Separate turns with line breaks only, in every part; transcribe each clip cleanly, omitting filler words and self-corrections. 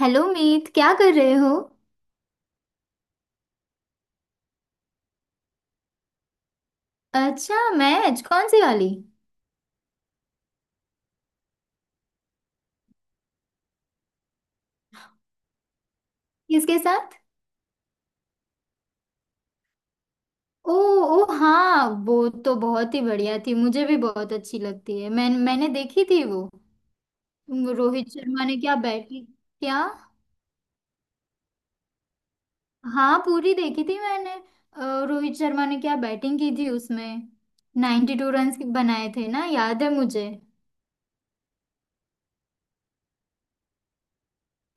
Hello Meet, क्या कर रहे हो? अच्छा, मैच कौन सी वाली? किसके साथ? ओ, ओ हाँ, वो तो बहुत ही बढ़िया थी, मुझे भी बहुत अच्छी लगती है। मैंने देखी थी वो। वो रोहित शर्मा ने क्या बैटिंग, क्या? हाँ, पूरी देखी थी मैंने। रोहित शर्मा ने क्या बैटिंग की थी उसमें। 92 रन बनाए थे ना, याद है मुझे।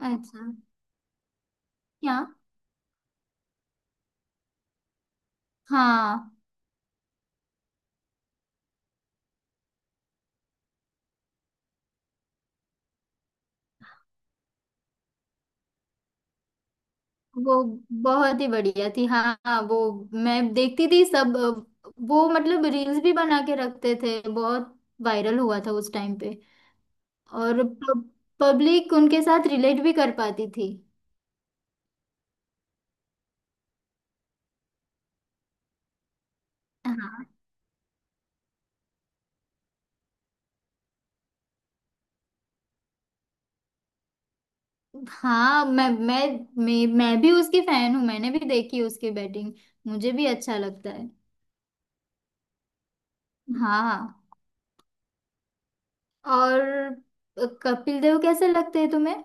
अच्छा। क्या? हाँ, वो बहुत ही बढ़िया थी। हाँ हाँ, वो मैं देखती थी सब। वो मतलब रील्स भी बना के रखते थे, बहुत वायरल हुआ था उस टाइम पे। और पब्लिक उनके साथ रिलेट भी कर पाती थी। हाँ। हाँ। मैं भी उसकी फैन हूँ, मैंने भी देखी उसकी बैटिंग। मुझे भी अच्छा लगता है। हाँ। और कपिल देव कैसे लगते हैं तुम्हें?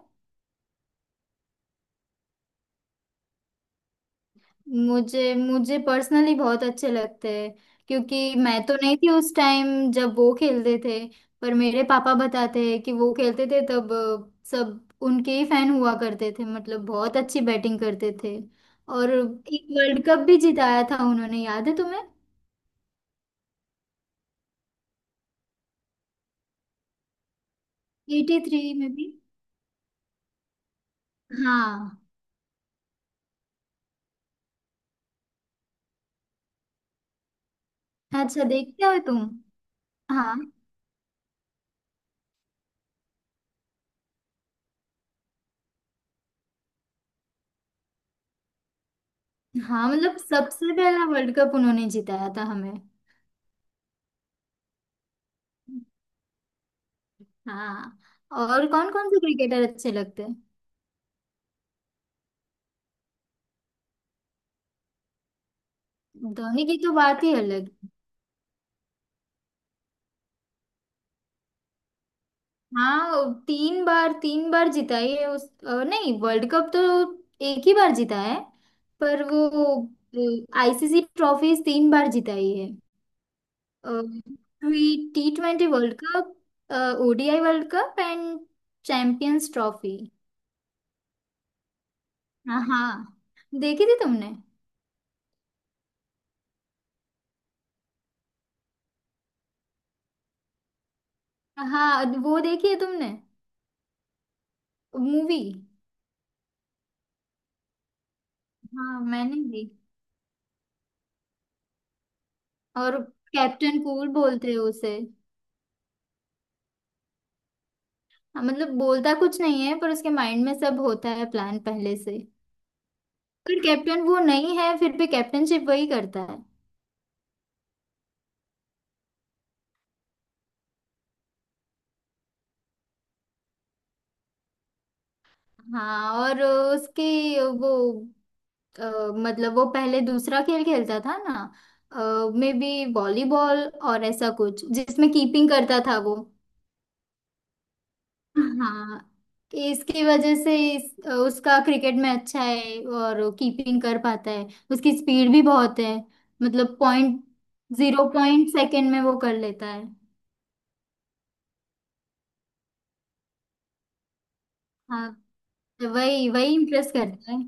मुझे मुझे पर्सनली बहुत अच्छे लगते हैं, क्योंकि मैं तो नहीं थी उस टाइम जब वो खेलते थे। पर मेरे पापा बताते हैं कि वो खेलते थे तब सब उनके ही फैन हुआ करते थे, मतलब बहुत अच्छी बैटिंग करते थे। और एक वर्ल्ड कप भी जिताया था उन्होंने, याद है तुम्हें? 83 में भी। हाँ। अच्छा, देखते हो तुम? हाँ। हाँ मतलब सबसे पहला वर्ल्ड कप उन्होंने जिताया था हमें। हाँ। और कौन कौन से क्रिकेटर अच्छे लगते हैं? दही की तो बात ही अलग है। हाँ, तीन बार जीता है उस नहीं, वर्ल्ड कप तो एक ही बार जीता है। पर वो आईसीसी ट्रॉफीज तीन बार जीता ही है। T20 world cup, ODI world cup and champions trophy. हाँ हाँ। देखी थी तुमने? हाँ, वो देखी है तुमने? मूवी? हाँ मैंने भी। और कैप्टन कूल बोलते हैं उसे। हाँ, मतलब बोलता कुछ नहीं है पर उसके माइंड में सब होता है, प्लान पहले से। पर कैप्टन वो नहीं है फिर भी कैप्टनशिप वही करता है। हाँ। और उसकी वो अ, मतलब वो पहले दूसरा खेल खेलता था ना, मे बी वॉलीबॉल और ऐसा कुछ जिसमें कीपिंग करता था वो। हाँ। कि इसकी वजह से उसका क्रिकेट में अच्छा है और कीपिंग कर पाता है। उसकी स्पीड भी बहुत है, मतलब पॉइंट जीरो पॉइंट सेकेंड में वो कर लेता है। हाँ। तो वही वही इम्प्रेस करता है।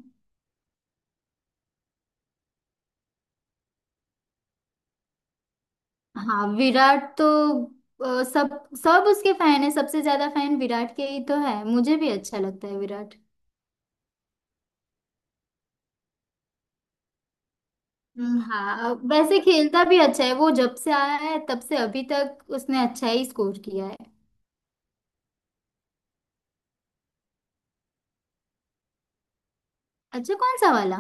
हाँ, विराट तो सब सब उसके फैन है, सबसे ज्यादा फैन विराट के ही तो है। मुझे भी अच्छा लगता है विराट। हाँ, वैसे खेलता भी अच्छा है वो, जब से आया है तब से अभी तक उसने अच्छा ही स्कोर किया है। अच्छा कौन सा वाला?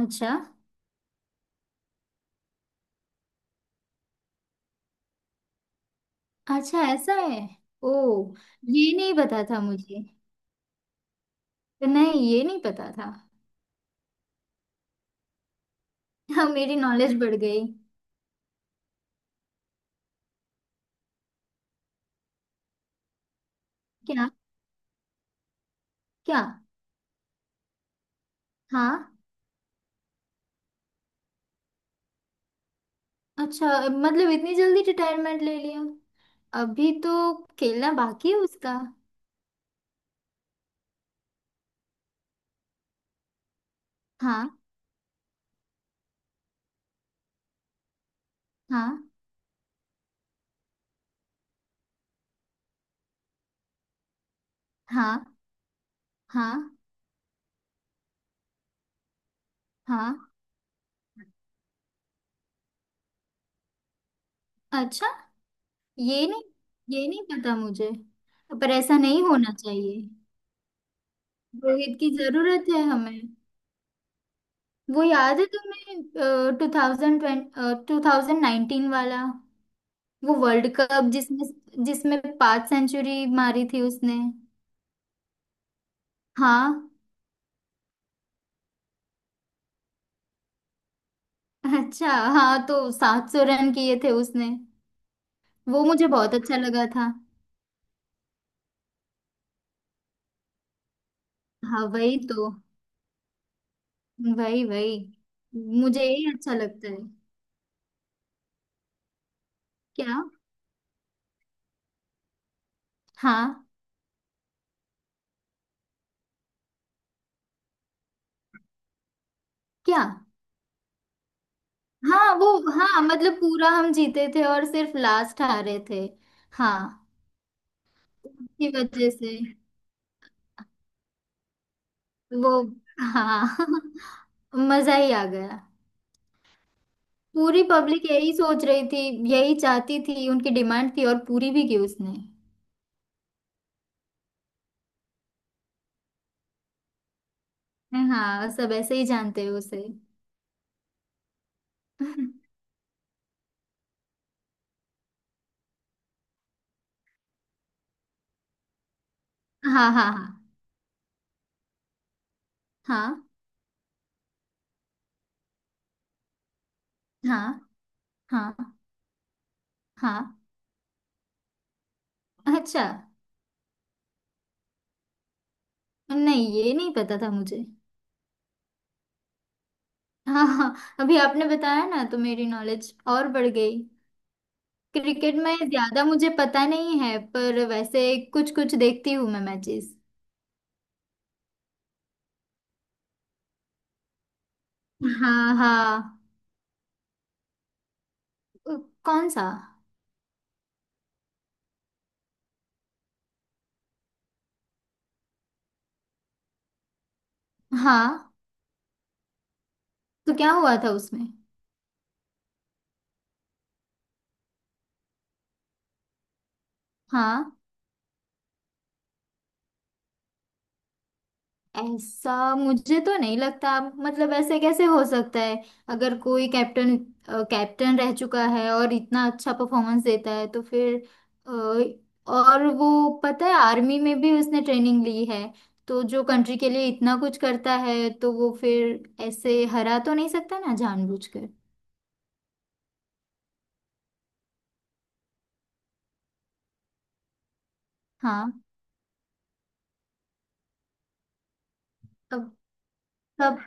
अच्छा। अच्छा ऐसा है। ओ। ये नहीं पता था मुझे। नहीं, ये नहीं पता था। हाँ, मेरी नॉलेज बढ़ गई। क्या? क्या? हाँ। अच्छा, मतलब इतनी जल्दी रिटायरमेंट ले लिया? अभी तो खेलना बाकी है उसका। हाँ। हाँ। हाँ। हाँ। हाँ। अच्छा। ये नहीं ये नहीं पता मुझे। पर ऐसा नहीं होना चाहिए। रोहित की जरूरत है हमें। वो याद है तुम्हें? 2019 वाला वो वर्ल्ड कप, जिसमें जिसमें पांच सेंचुरी मारी थी उसने। हाँ। अच्छा। हाँ, तो 700 रन किए थे उसने। वो मुझे बहुत अच्छा लगा था। हाँ वही तो। वही वही। मुझे यही अच्छा लगता है। क्या? हाँ। क्या? हाँ। वो। हाँ मतलब पूरा हम जीते थे और सिर्फ लास्ट हारे थे। हाँ। उसकी वजह से। वो। हाँ मजा ही आ गया। पूरी पब्लिक यही सोच रही थी, यही चाहती थी, उनकी डिमांड थी और पूरी भी की उसने। हाँ, सब ऐसे ही जानते हैं उसे। हाँ हाँ हाँ हाँ हाँ हाँ हाँ। अच्छा। नहीं, ये नहीं पता था मुझे। हाँ हाँ, अभी आपने बताया ना तो मेरी नॉलेज और बढ़ गई। क्रिकेट में ज्यादा मुझे पता नहीं है, पर वैसे कुछ कुछ देखती हूँ मैं मैचेस। हाँ। हाँ। अ, कौन सा? हाँ, तो क्या हुआ था उसमें? हाँ, ऐसा मुझे तो नहीं लगता, मतलब ऐसे कैसे हो सकता है? अगर कोई कैप्टन कैप्टन रह चुका है और इतना अच्छा परफॉर्मेंस देता है तो फिर अ, और वो, पता है, आर्मी में भी उसने ट्रेनिंग ली है। तो जो कंट्री के लिए इतना कुछ करता है तो वो फिर ऐसे हरा तो नहीं सकता ना जानबूझकर। हाँ। सब,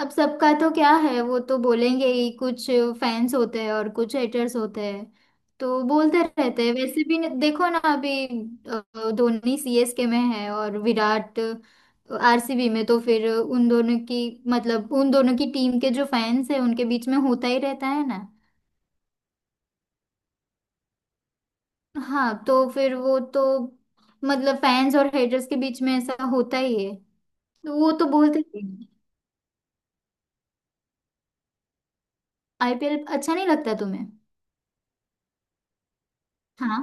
अब सबका तो क्या है, वो तो बोलेंगे ही कुछ। फैंस होते हैं और कुछ हेटर्स होते हैं, तो बोलते रहते हैं वैसे भी। देखो ना, अभी धोनी सीएसके में है और विराट आरसीबी में, तो फिर उन दोनों की, मतलब उन दोनों की टीम के जो फैंस है उनके बीच में होता ही रहता है ना। हाँ तो फिर वो तो, मतलब फैंस और हेटर्स के बीच में ऐसा होता ही है, तो वो तो बोलते ही हैं। आईपीएल अच्छा नहीं लगता तुम्हें? हाँ।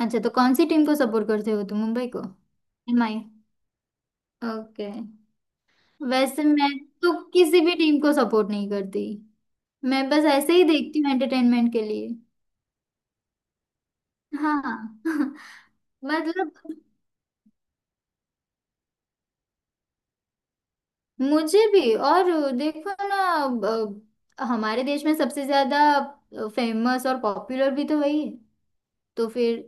अच्छा, तो कौन सी टीम को सपोर्ट करते हो तुम, मुंबई को? एमआई। ओके। वैसे मैं तो किसी भी टीम को सपोर्ट नहीं करती, मैं बस ऐसे ही देखती हूँ एंटरटेनमेंट के लिए। हाँ मतलब मुझे भी। और देखो ना, हमारे देश में सबसे ज्यादा फेमस और पॉपुलर भी तो वही है। तो फिर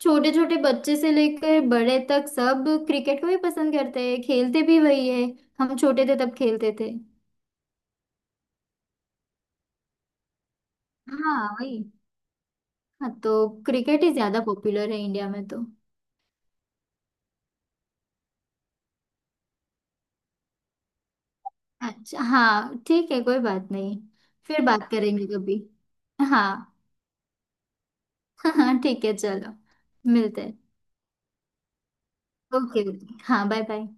छोटे छोटे बच्चे से लेकर बड़े तक सब क्रिकेट को ही पसंद करते हैं, खेलते भी वही है। हम छोटे थे तब खेलते थे। हाँ वही। हाँ, तो क्रिकेट ही ज्यादा पॉपुलर है इंडिया में तो। अच्छा हाँ ठीक है, कोई बात नहीं। फिर बात करेंगे कभी। हाँ हाँ ठीक है, चलो। मिलते हैं। ओके। हाँ, बाय बाय।